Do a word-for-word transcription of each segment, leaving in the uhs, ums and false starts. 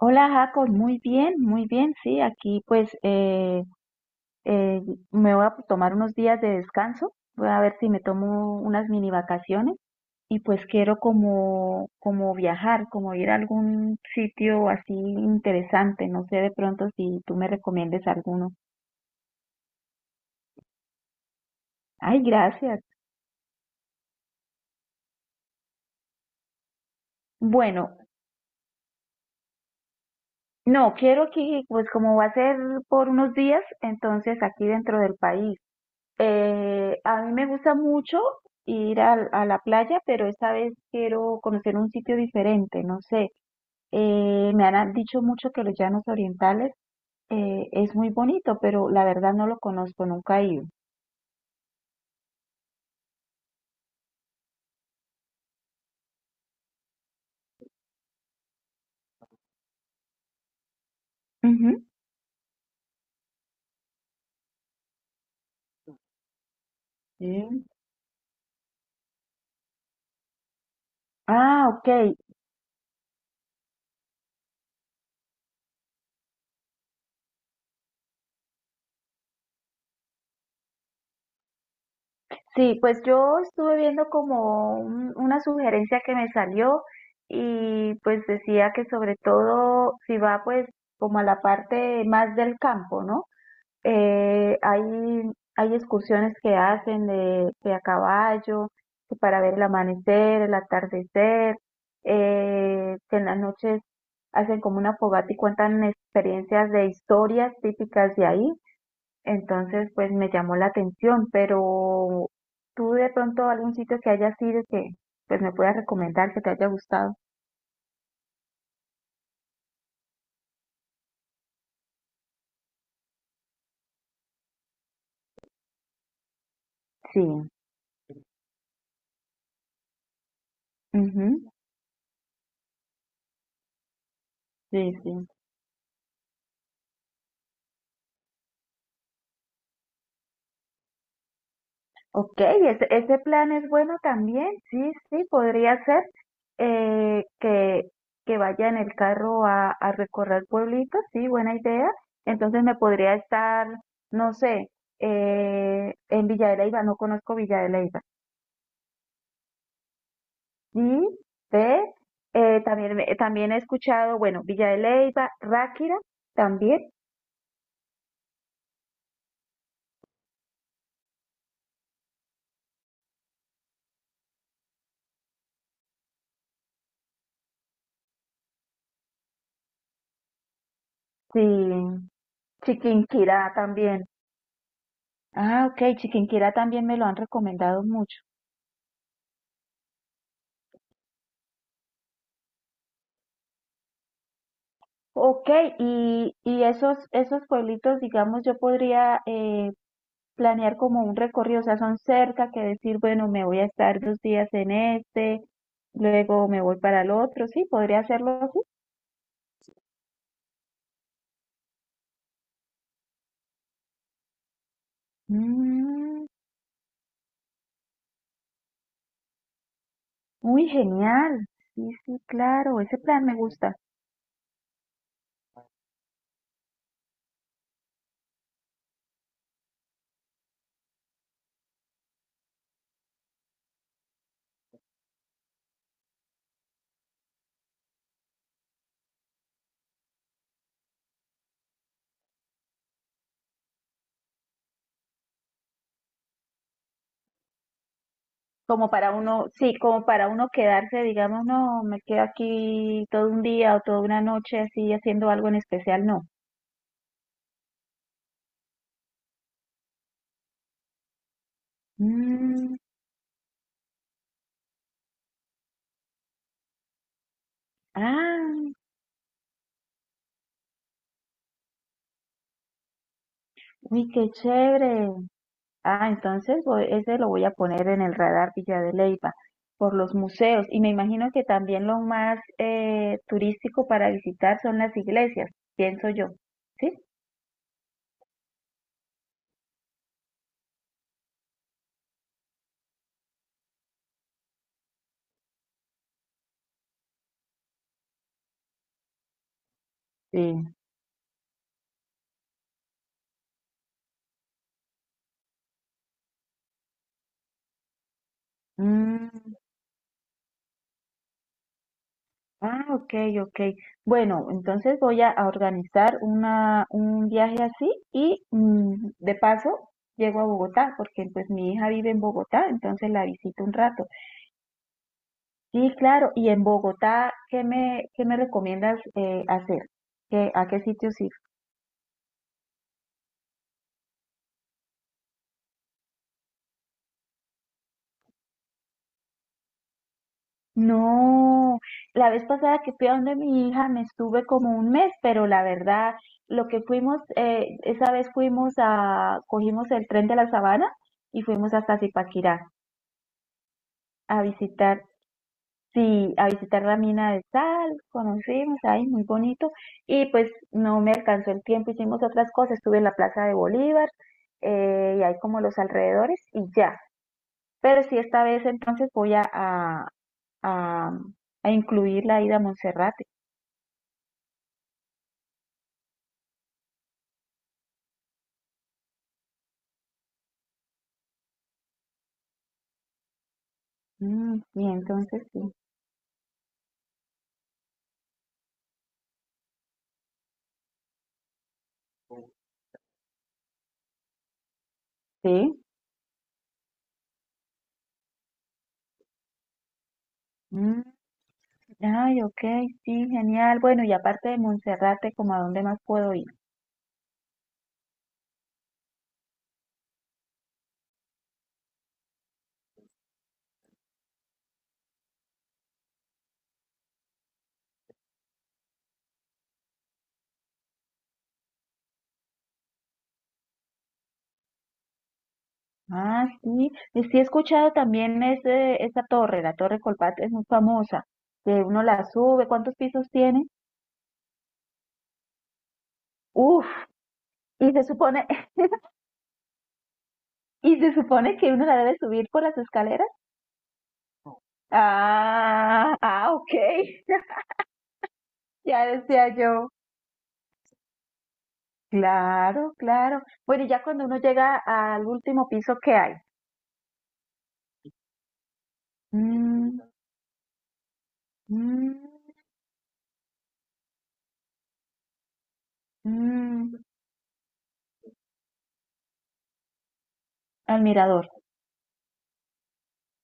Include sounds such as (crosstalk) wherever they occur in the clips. Hola Jacob, muy bien, muy bien, sí, aquí pues eh, eh, me voy a tomar unos días de descanso, voy a ver si me tomo unas mini vacaciones y pues quiero como, como viajar, como ir a algún sitio así interesante, no sé de pronto si tú me recomiendes alguno. Ay, gracias. Bueno, no, quiero que pues como va a ser por unos días, entonces aquí dentro del país. Eh, a mí me gusta mucho ir al- a, la playa, pero esta vez quiero conocer un sitio diferente, no sé. Eh, me han dicho mucho que los llanos orientales eh, es muy bonito, pero la verdad no lo conozco, nunca he ido. Ujú. ¿Sí? Ah, ok. Sí, pues yo estuve viendo como un- una sugerencia que me salió y pues decía que sobre todo si va pues como a la parte más del campo, ¿no? Eh, hay, hay excursiones que hacen de, de a caballo, que para ver el amanecer, el atardecer, eh, que en las noches hacen como una fogata y cuentan experiencias de historias típicas de ahí. Entonces, pues me llamó la atención, pero tú de pronto algún sitio que hayas ido que pues me puedas recomendar que te haya gustado. Sí, ujú, sí, sí. Ok, ese, ese plan es bueno también, sí, sí, podría ser eh, que, que vaya en el carro a, a recorrer pueblitos, sí, buena idea. Entonces me podría estar, no sé, eh, en Villa de Leyva, no conozco Villa de Leyva. Sí, ve, eh, también, me- también he escuchado, bueno, Villa de Leyva, Ráquira también, sí, Chiquinquirá también. Ah, ok, Chiquinquirá también me lo han recomendado mucho. Ok, y, y esos, esos pueblitos, digamos, yo podría eh, planear como un recorrido, o sea, son cerca que decir, bueno, me voy a estar dos días en este, luego me voy para el otro, sí, podría hacerlo así. Mm, muy genial, sí, sí, claro, ese plan me gusta. Como para uno, sí, como para uno quedarse, digamos, no, me quedo aquí todo un día o toda una noche así haciendo algo en especial, no. Mm, ah, uy, qué chévere. Ah, entonces voy- ese lo voy a poner en el radar Villa de Leyva por los museos y me imagino que también lo más eh, turístico para visitar son las iglesias, pienso yo, ¿sí? Sí. Mm, ah, ok, ok. Bueno, entonces voy a a organizar una, un viaje así y mm, de paso llego a Bogotá porque pues mi hija vive en Bogotá, entonces la visito un rato. Sí, claro. Y en Bogotá, ¿qué me, ¿qué me recomiendas eh, hacer? ¿Qué, a qué sitios ir? No, la vez pasada que fui a donde mi hija me estuve como un mes, pero la verdad, lo que fuimos, eh, esa vez fuimos a, cogimos el tren de la Sabana y fuimos hasta Zipaquirá a visitar. Sí, a visitar la mina de sal, conocimos ahí, muy bonito, y pues no me alcanzó el tiempo, hicimos otras cosas, estuve en la Plaza de Bolívar, eh, y ahí como los alrededores, y ya. Pero sí, esta vez entonces voy a, a, a, a incluir la ida a Monserrate. Mm, y entonces sí. Sí. Mm, ay, ok, sí, genial. Bueno, y aparte de Monserrate, ¿como a dónde más puedo ir? Ah, sí, y sí he escuchado también ese, esa torre, la Torre Colpatria es muy famosa, que uno la sube, ¿cuántos pisos tiene? Uf, y se supone, (laughs) y se supone que uno la debe subir por las escaleras. Ah, ah, ok, (laughs) ya decía yo. Claro, claro. Bueno, y ya cuando uno llega al último piso, ¿qué hay? Mm, mm, mm, al mirador.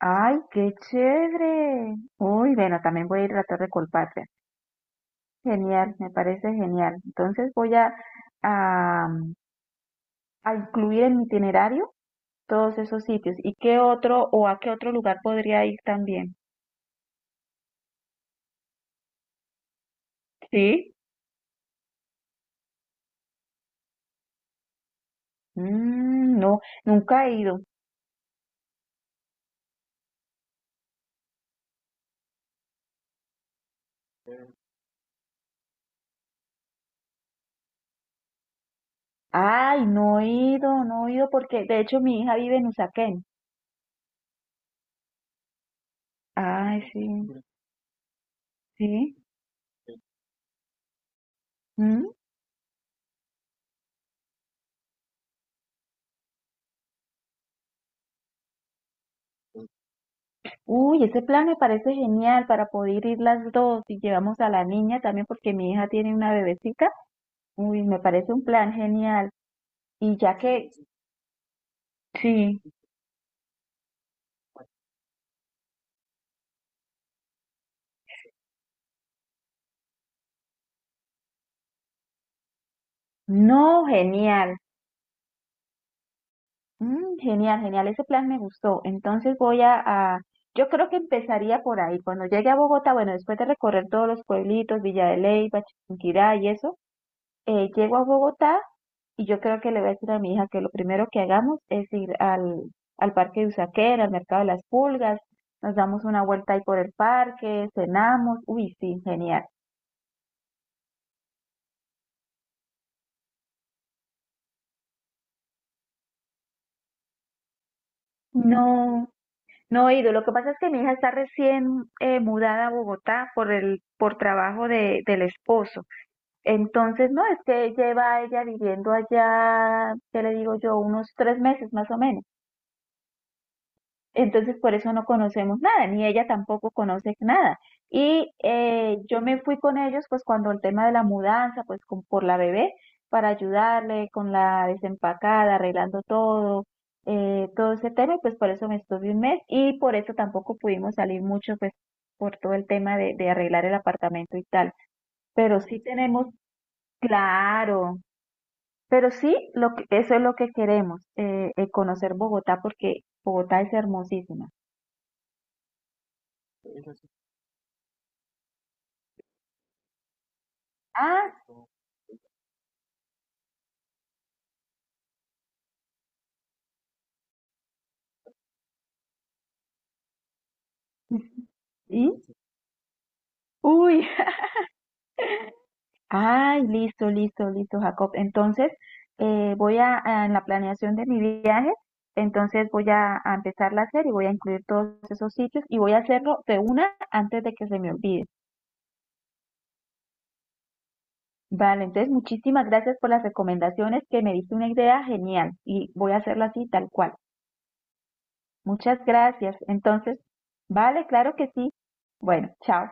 Ay, qué chévere. Uy, bueno, también voy a ir a la Torre Colpatria. Genial, me parece genial. Entonces voy a, a, a incluir en mi itinerario todos esos sitios. ¿Y qué otro o a qué otro lugar podría ir también? Sí. Mm, no, nunca he ido. Ay, no he ido, no he ido porque de hecho mi hija vive en Usaquén. Ay, sí, sí. Mm. Uy, ese plan me parece genial para poder ir las dos y llevamos a la niña también porque mi hija tiene una bebecita. Uy, me parece un plan genial. Y ya que, sí. No, genial. Mm, genial, genial. Ese plan me gustó. Entonces voy a, a- yo creo que empezaría por ahí. Cuando llegue a Bogotá, bueno, después de recorrer todos los pueblitos, Villa de Leyva, Chiquinquirá y eso, eh, llego a Bogotá y yo creo que le voy a decir a mi hija que lo primero que hagamos es ir al, al Parque de Usaquén, al Mercado de las Pulgas, nos damos una vuelta ahí por el parque, cenamos. Uy, sí, genial. No. No he ido. Lo que pasa es que mi hija está recién eh, mudada a Bogotá por el, por trabajo de, del esposo. Entonces, no, es que lleva ella viviendo allá, ¿qué le digo yo? Unos tres meses más o menos. Entonces, por eso no conocemos nada, ni ella tampoco conoce nada. Y eh, yo me fui con ellos, pues cuando el tema de la mudanza, pues con- por la bebé, para ayudarle con la desempacada, arreglando todo, eh, todo ese tema, y pues por eso me estuve un mes y por eso tampoco pudimos salir mucho, pues por todo el tema de, de arreglar el apartamento y tal. Pero sí tenemos, claro, pero sí, lo que, eso es lo que queremos, eh, eh, conocer Bogotá, porque Bogotá es hermosísima. Ah, ¿sí? Uy, (laughs) ay, listo, listo, listo, Jacob. Entonces, eh, voy a, a- en la planeación de mi viaje, entonces voy a, a empezarla a hacer y voy a incluir todos esos sitios y voy a hacerlo de una antes de que se me olvide. Vale, entonces muchísimas gracias por las recomendaciones que me diste una idea genial y voy a hacerlo así tal cual. Muchas gracias. Entonces, vale, claro que sí. Bueno, chao.